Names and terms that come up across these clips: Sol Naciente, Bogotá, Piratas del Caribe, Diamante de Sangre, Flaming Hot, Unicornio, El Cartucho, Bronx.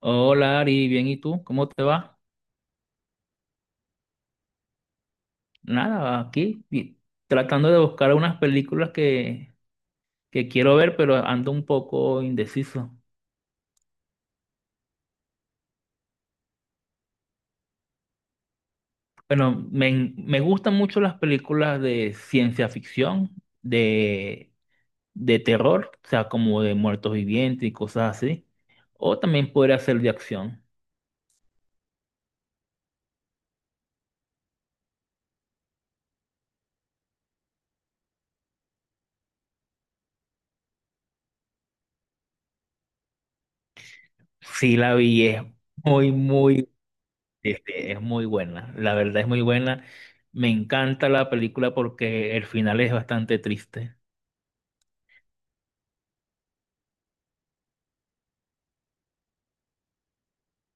Hola Ari, bien, ¿y tú? ¿Cómo te va? Nada, tratando de buscar unas películas que quiero ver, pero ando un poco indeciso. Bueno, me gustan mucho las películas de ciencia ficción, de, de terror, o sea, como de muertos vivientes y cosas así. O también podría ser de acción. Sí, la vi, es muy, muy, es muy buena. La verdad es muy buena. Me encanta la película porque el final es bastante triste.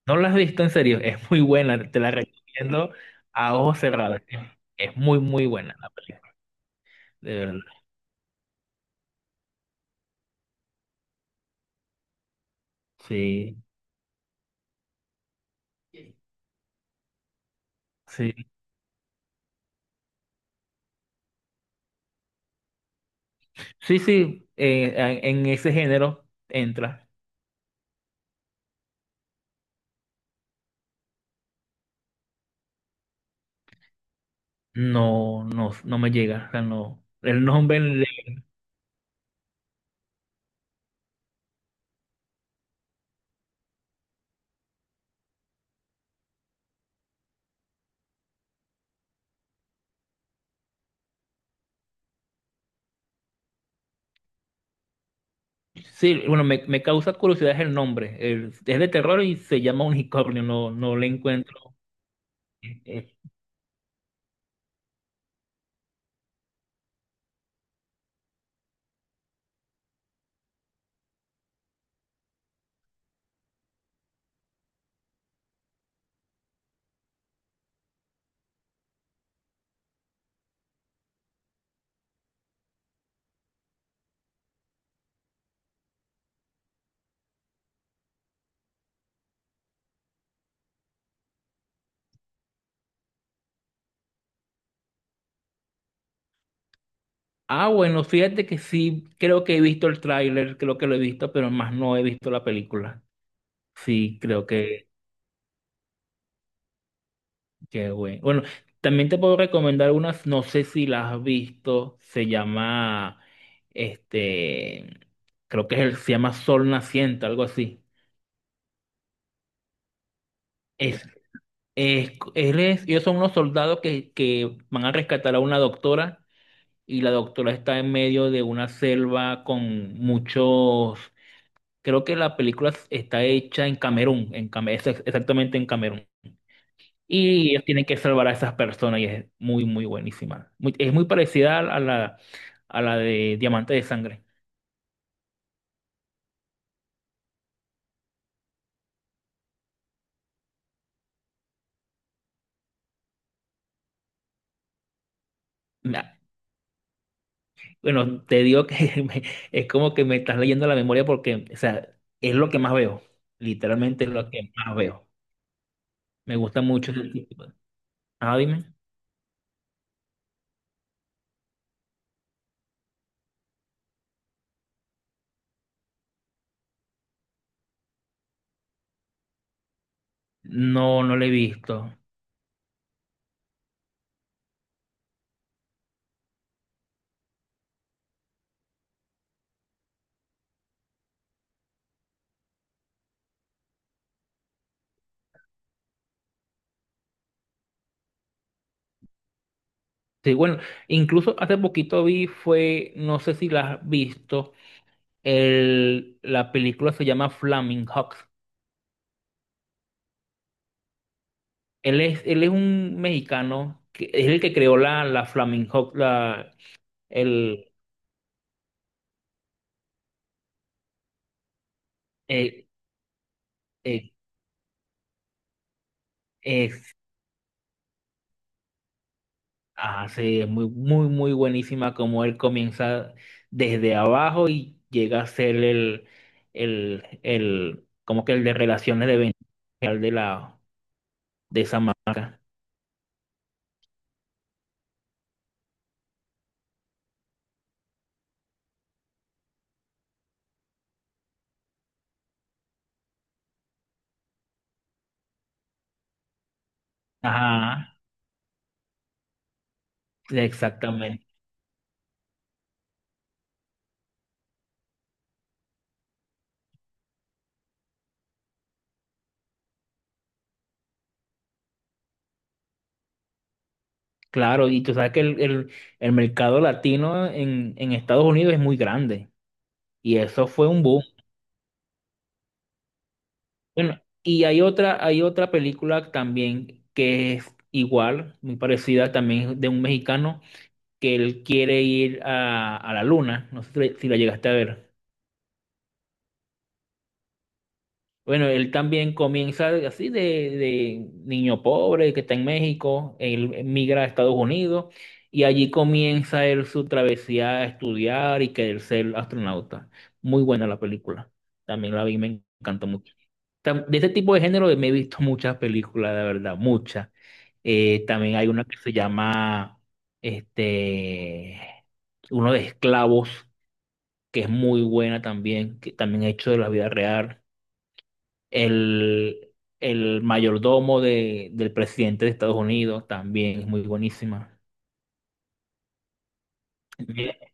¿No la has visto? En serio, es muy buena, te la recomiendo a ojos cerrados. Es muy, muy buena la película, de verdad. Sí, sí, sí, sí, en ese género entra. No, no, no me llega, o sea, no. Sí, bueno, me causa curiosidad el nombre. Es de terror y se llama Unicornio, no, no le encuentro. Eh, Ah, bueno, fíjate que sí, creo que he visto el tráiler, creo que lo he visto, pero más no he visto la película. Sí, creo que... Qué bueno. Bueno, también te puedo recomendar unas, no sé si las has visto, se llama, este, creo que se llama Sol Naciente, algo así. Es, Ellos son unos soldados que van a rescatar a una doctora y la doctora está en medio de una selva con muchos, creo que la película está hecha en Camerún, exactamente en Camerún. Y ellos tienen que salvar a esas personas y es muy buenísima. Es muy parecida a a la de Diamante de Sangre. Na- Bueno, te digo que es como que me estás leyendo la memoria porque, o sea, es lo que más veo. Literalmente es lo que más veo. Me gusta mucho ese tipo. Ah, dime. No, no lo he visto. Sí, bueno, incluso hace poquito vi, fue, no sé si la has visto, la película se llama Flaming hawks. Él es un mexicano que es el que creó la Flaming Hot, la, el, eh, eh, es, sí, es muy, muy, muy buenísima, como él comienza desde abajo y llega a ser el, como que el de relaciones de venta de de esa marca. Ajá, exactamente. Claro, y tú sabes que el el mercado latino en Estados Unidos es muy grande y eso fue un boom. Bueno, y hay otra película también que es igual, muy parecida también de un mexicano que él quiere ir a la luna. No sé si la si la llegaste a ver. Bueno, él también comienza así de niño pobre que está en México, él migra a Estados Unidos y allí comienza él su travesía a estudiar y querer ser astronauta. Muy buena la película, también la vi, me encantó mucho. De este tipo de género me he visto muchas películas, de verdad, muchas. También hay una que se llama, este, uno de esclavos, que es muy buena también, que también hecho de la vida real. El, el mayordomo del presidente de Estados Unidos también es muy buenísima. Bien.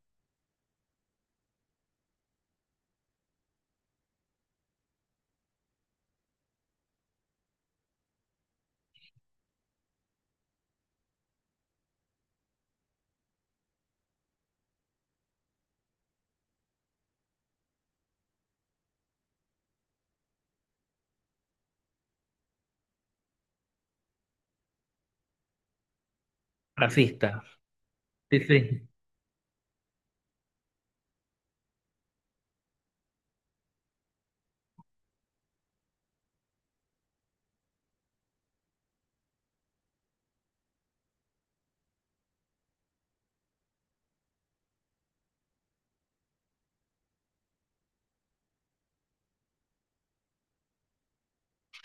Racista. Sí, sí,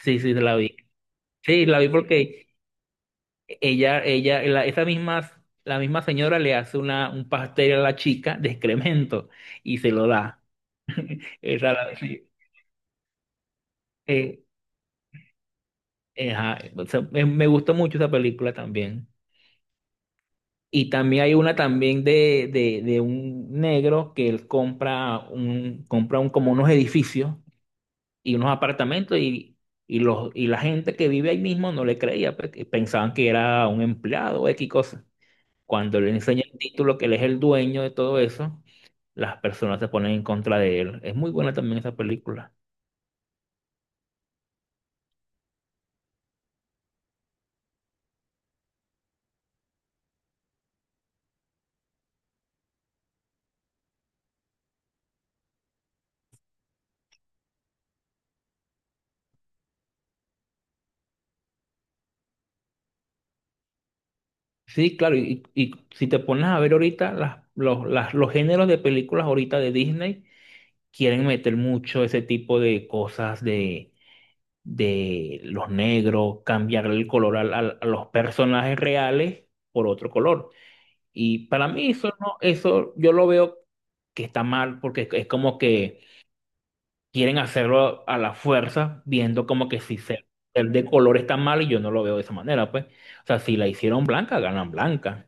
sí, sí, la vi. Sí, la vi porque esa misma, la misma señora le hace un pastel a la chica de excremento y se lo da. Esa la- sí, eh, ajá, o sea, me gustó mucho esa película también. Y también hay una también de un negro que él compra compra un, como unos edificios y unos apartamentos y y la gente que vive ahí mismo no le creía, pues, que pensaban que era un empleado o X cosa. Cuando le enseña el título que él es el dueño de todo eso, las personas se ponen en contra de él. Es muy buena también esa película. Sí, claro, y si te pones a ver ahorita, los géneros de películas ahorita de Disney quieren meter mucho ese tipo de cosas de los negros, cambiarle el color a los personajes reales por otro color. Y para mí eso no, eso yo lo veo que está mal porque es como que quieren hacerlo a la fuerza, viendo como que si ser de color está mal y yo no lo veo de esa manera, pues. O sea, si la hicieron blanca, ganan blanca.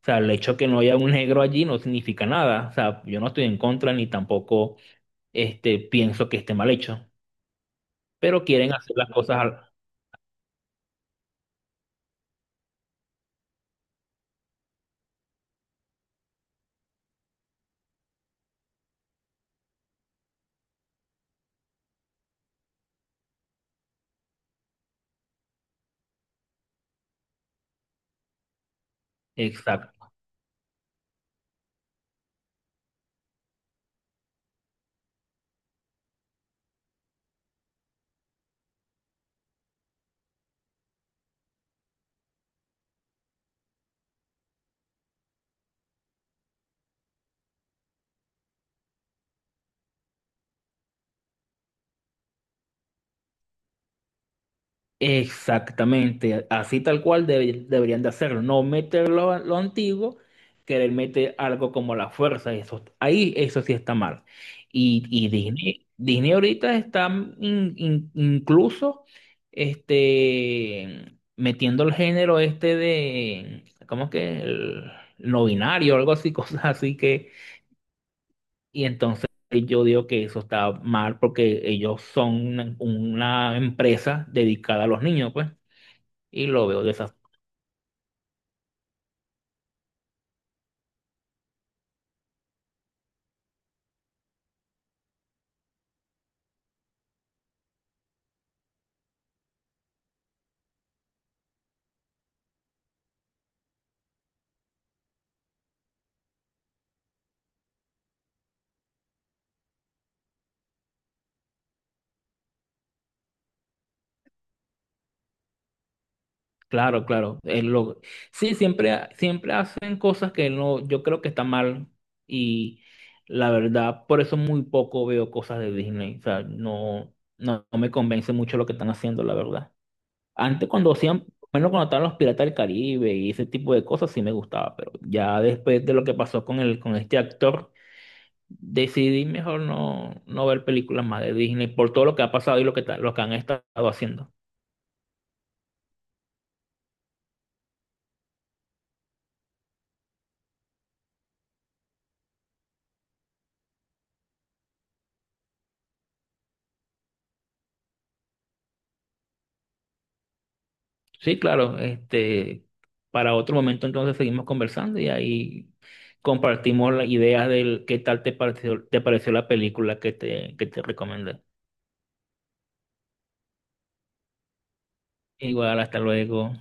O sea, el hecho que no haya un negro allí no significa nada. O sea, yo no estoy en contra ni tampoco pienso que esté mal hecho, pero quieren hacer las cosas exacto. Exactamente, así tal cual deberían de hacerlo, no meter lo antiguo, querer meter algo como la fuerza, eso, ahí eso sí está mal. Y Disney ahorita está incluso metiendo el género este de, ¿cómo es que? El no binario, algo así, cosas así y entonces yo digo que eso está mal porque ellos son una empresa dedicada a los niños, pues. Y lo veo de esa. Claro, claro. Él lo... Sí, siempre hacen cosas que no, yo creo que está mal. Y la verdad, por eso muy poco veo cosas de Disney. O sea, no, no, no me convence mucho lo que están haciendo, la verdad. Antes cuando hacían, bueno, cuando estaban los Piratas del Caribe y ese tipo de cosas, sí me gustaba. Pero ya después de lo que pasó con con este actor, decidí mejor no, no ver películas más de Disney por todo lo que ha pasado y lo que, lo que han estado haciendo. Sí, claro. Este, para otro momento entonces seguimos conversando y ahí compartimos las ideas del qué tal te te pareció la película que te recomendé. Igual, hasta luego.